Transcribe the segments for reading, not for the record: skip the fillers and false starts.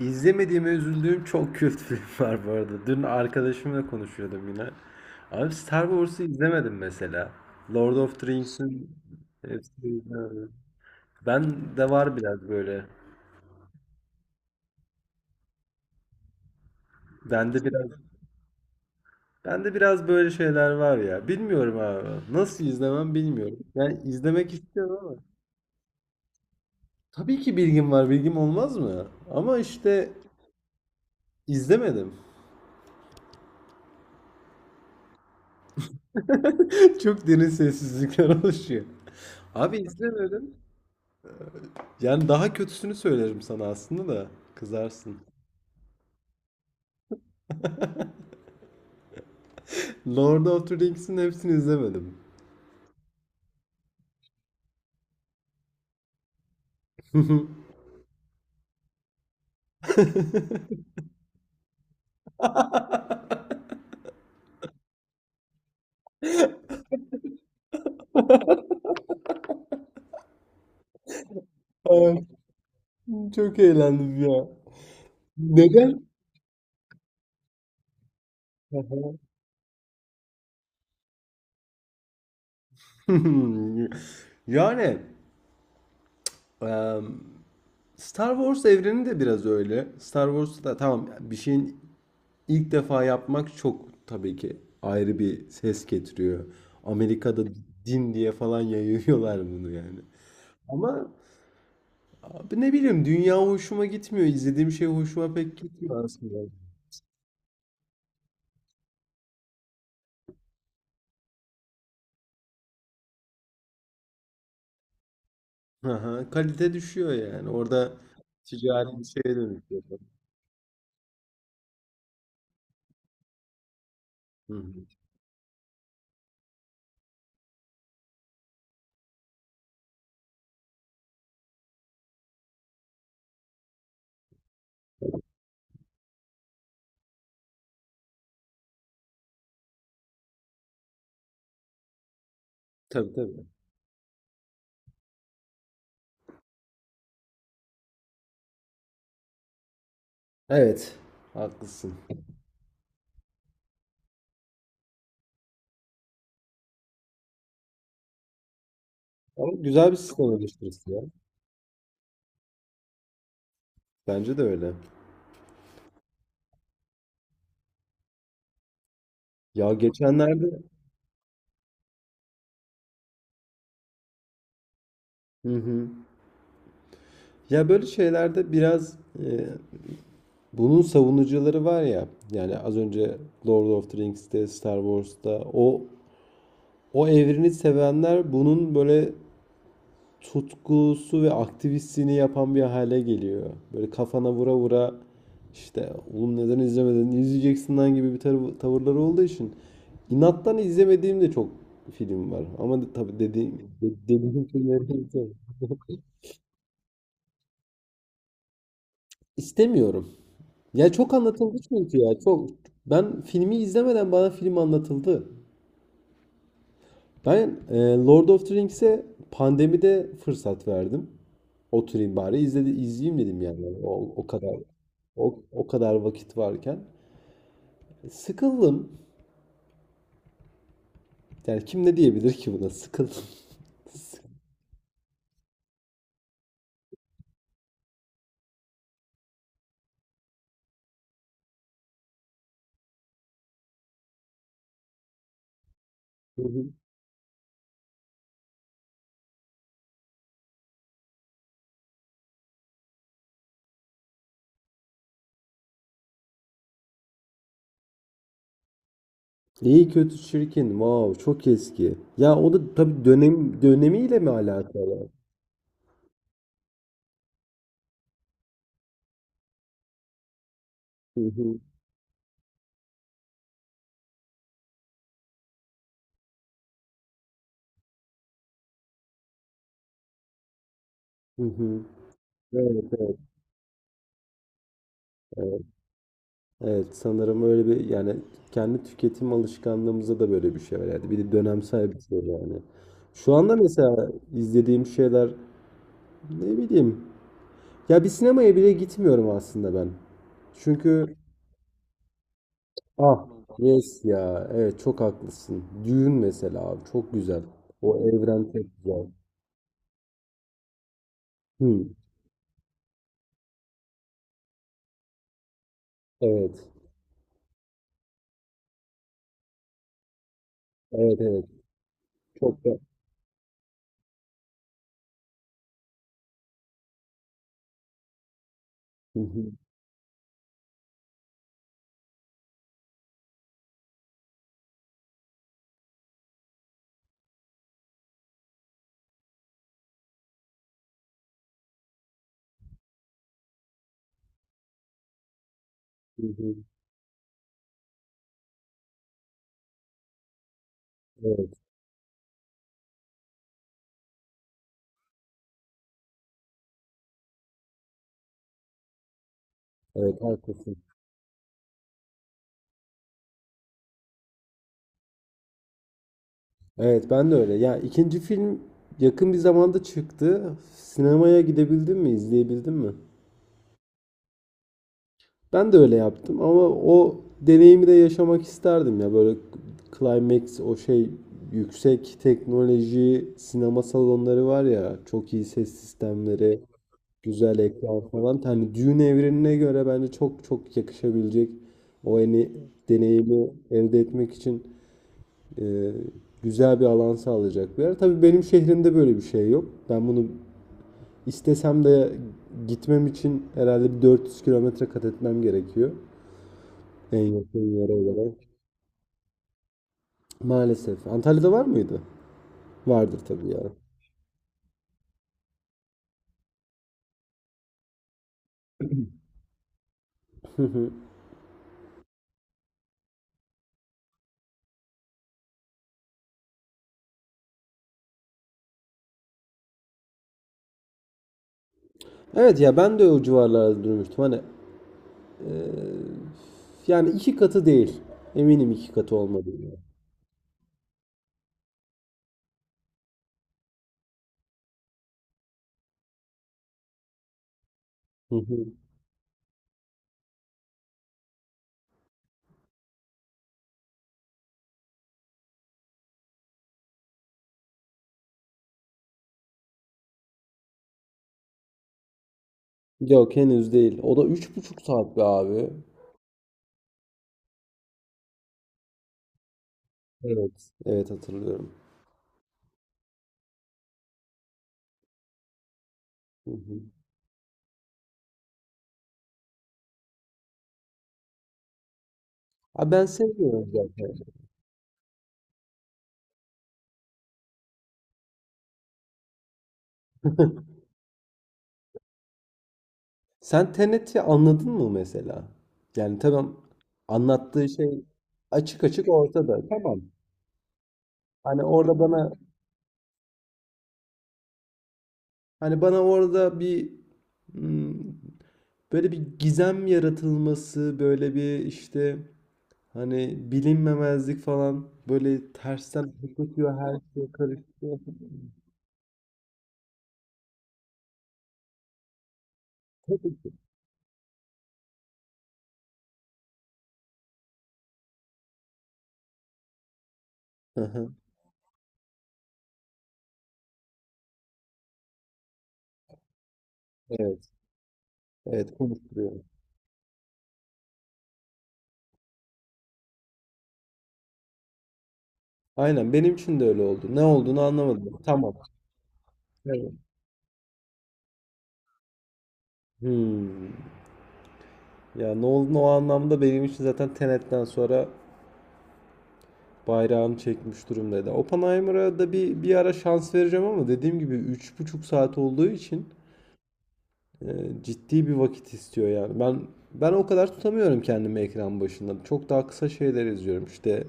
İzlemediğime üzüldüğüm çok kült film var bu arada. Dün arkadaşımla konuşuyordum yine. Abi Star Wars'u izlemedim mesela. Lord of the Rings'in hepsini izlemedim. Ben de var biraz böyle. Bende biraz bende biraz böyle şeyler var ya. Bilmiyorum abi. Nasıl izlemem bilmiyorum. Yani izlemek istiyorum ama. Tabii ki bilgim var. Bilgim olmaz mı? Ama işte izlemedim. Çok derin sessizlikler oluşuyor. Abi izlemedim. Yani daha kötüsünü söylerim sana aslında da kızarsın. Lord of the Rings'in hepsini izlemedim. Evet, çok eğlendim ya. Neden? Yani em, Star Wars evreni de biraz öyle. Star Wars'ta tamam bir şeyin ilk defa yapmak çok tabii ki ayrı bir ses getiriyor. Amerika'da din diye falan yayıyorlar bunu yani. Ama abi ne bileyim dünya hoşuma gitmiyor. İzlediğim şey hoşuma pek gitmiyor aslında. Hı hı, kalite düşüyor yani. Orada ticari bir şeye dönüşüyor. Hı hı. Tabii tabii. Evet. Haklısın. Ama güzel bir sistem eleştirisi ya. Bence de öyle. Ya geçenlerde. Hı hı. Ya böyle şeylerde biraz bunun savunucuları var ya. Yani az önce Lord of the Rings'te, Star Wars'ta o evreni sevenler bunun böyle tutkusu ve aktivistliğini yapan bir hale geliyor. Böyle kafana vura vura işte oğlum neden izlemedin izleyeceksin lan gibi bir tavırları olduğu için inattan izlemediğim de çok film var. Ama tabii dediğim filmleri de izlerim. İstemiyorum. Ya çok anlatıldı çünkü ya çok ben filmi izlemeden bana film anlatıldı. Ben Lord of the Rings'e pandemide fırsat verdim. Oturayım bari izleyeyim dedim yani. O kadar o kadar vakit varken. Sıkıldım. Yani kim ne diyebilir ki buna? Sıkıldım. Sıkıldım. İyi kötü çirkin. Wow, çok eski. Ya o da tabii dönem dönemiyle mi alakalı? Hı hı. Hı hı. Evet, evet. Evet sanırım öyle bir yani kendi tüketim alışkanlığımıza da böyle bir şey var yani. Bir de dönemsel bir şey yani. Şu anda mesela izlediğim şeyler ne bileyim. Ya bir sinemaya bile gitmiyorum aslında ben. Çünkü ah yes ya evet çok haklısın. Düğün mesela abi çok güzel. O evren çok güzel. Hı, evet. Evet evet. Çok da. Hı hı, hı hı. Evet. Evet haklısın. Evet ben de öyle. Ya ikinci film yakın bir zamanda çıktı. Sinemaya gidebildin mi, izleyebildin mi? Ben de öyle yaptım ama o deneyimi de yaşamak isterdim ya böyle climax o şey yüksek teknoloji sinema salonları var ya çok iyi ses sistemleri, güzel ekran falan. Hani Dune evrenine göre bence çok çok yakışabilecek o hani deneyimi elde etmek için e, güzel bir alan sağlayacak bir yer. Tabii benim şehrimde böyle bir şey yok. Ben bunu istesem de gitmem için herhalde bir 400 kilometre kat etmem gerekiyor. En yakın yere olarak. Maalesef. Antalya'da var mıydı? Vardır tabii ya. Evet ya ben de o civarlarda durmuştum. Hani e, yani iki katı değil. Eminim iki katı olmadı. Hı hı. Yok henüz değil. O da üç buçuk saat be abi. Evet. Evet hatırlıyorum. Hı hı. Abi ben sevmiyorum zaten. Sen Tenet'i anladın mı mesela? Yani tamam anlattığı şey açık açık ortada. Tamam. Hani orada bana hani bana orada bir hmm, böyle bir gizem yaratılması, böyle bir işte hani bilinmemezlik falan böyle tersten akıtıyor her şey karıştı. Tabii. Hı hı. Evet. Evet konuşturuyor. Aynen benim için de öyle oldu. Ne olduğunu anlamadım. Tamam. Evet. Hmm. Ya Nolan o anlamda benim için zaten Tenet'ten sonra bayrağını çekmiş durumdaydı. Oppenheimer'a da bir ara şans vereceğim ama dediğim gibi üç buçuk saat olduğu için ciddi bir vakit istiyor yani. Ben o kadar tutamıyorum kendimi ekran başında. Çok daha kısa şeyler izliyorum işte.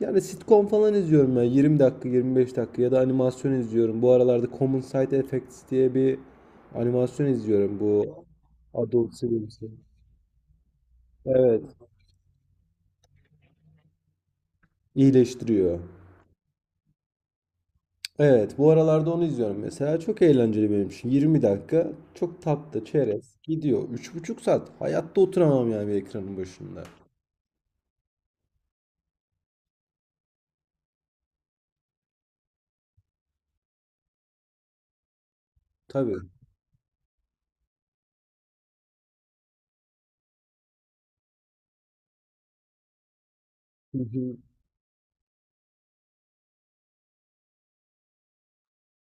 Yani sitcom falan izliyorum ben 20 dakika 25 dakika ya da animasyon izliyorum. Bu aralarda Common Side Effects diye bir animasyon izliyorum bu Adult Swim'si. Evet, iyileştiriyor. Evet, bu aralarda onu izliyorum mesela. Çok eğlenceli benim için. 20 dakika çok tatlı, çerez gidiyor. Üç buçuk saat hayatta oturamam yani bir ekranın başında. Tabii. Hı hı.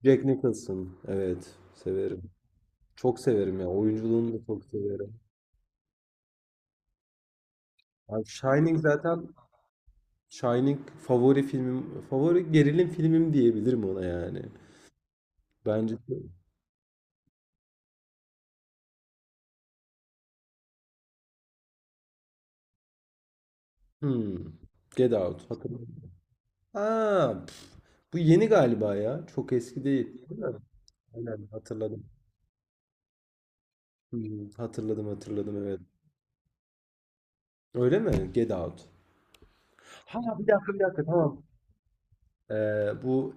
Jack Nicholson. Evet, severim. Çok severim ya. Oyunculuğunu da çok severim. Abi Shining favori filmim, favori gerilim filmim diyebilirim ona yani. Bence hmm. Get Out. Hatırladım. Aa, pf, bu yeni galiba ya. Çok eski değil. Değil mi? Aynen hatırladım. Hmm, hatırladım hatırladım evet. Öyle mi? Get Out. Ha bir dakika tamam. Bu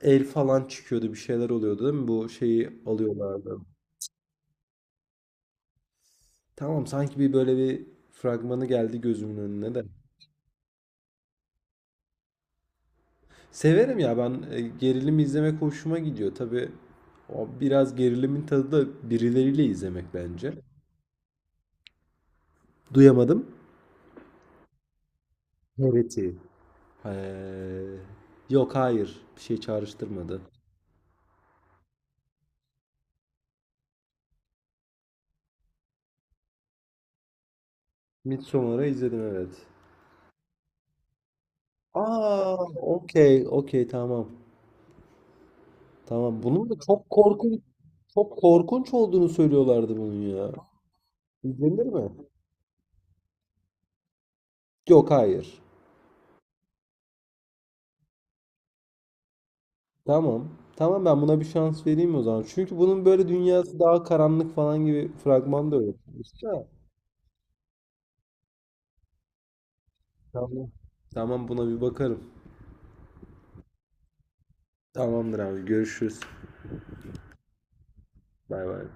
el falan çıkıyordu bir şeyler oluyordu değil mi? Bu şeyi alıyorlardı. Tamam sanki bir böyle bir fragmanı geldi gözümün önüne de. Severim ya ben gerilim izlemek hoşuma gidiyor. Tabii o biraz gerilimin tadı da birileriyle izlemek bence. Duyamadım. Evet. Ee, yok hayır bir şey çağrıştırmadı. Midsommar'ı izledim evet. Aa, okey, okey, tamam. Tamam. Bunun da çok korkunç olduğunu söylüyorlardı bunun ya. İzlenir mi? Yok, hayır. Tamam. Tamam ben buna bir şans vereyim o zaman. Çünkü bunun böyle dünyası daha karanlık falan gibi fragman da yok. İşte. Tamam. Tamam buna bir bakarım. Tamamdır abi. Görüşürüz. Bay bay.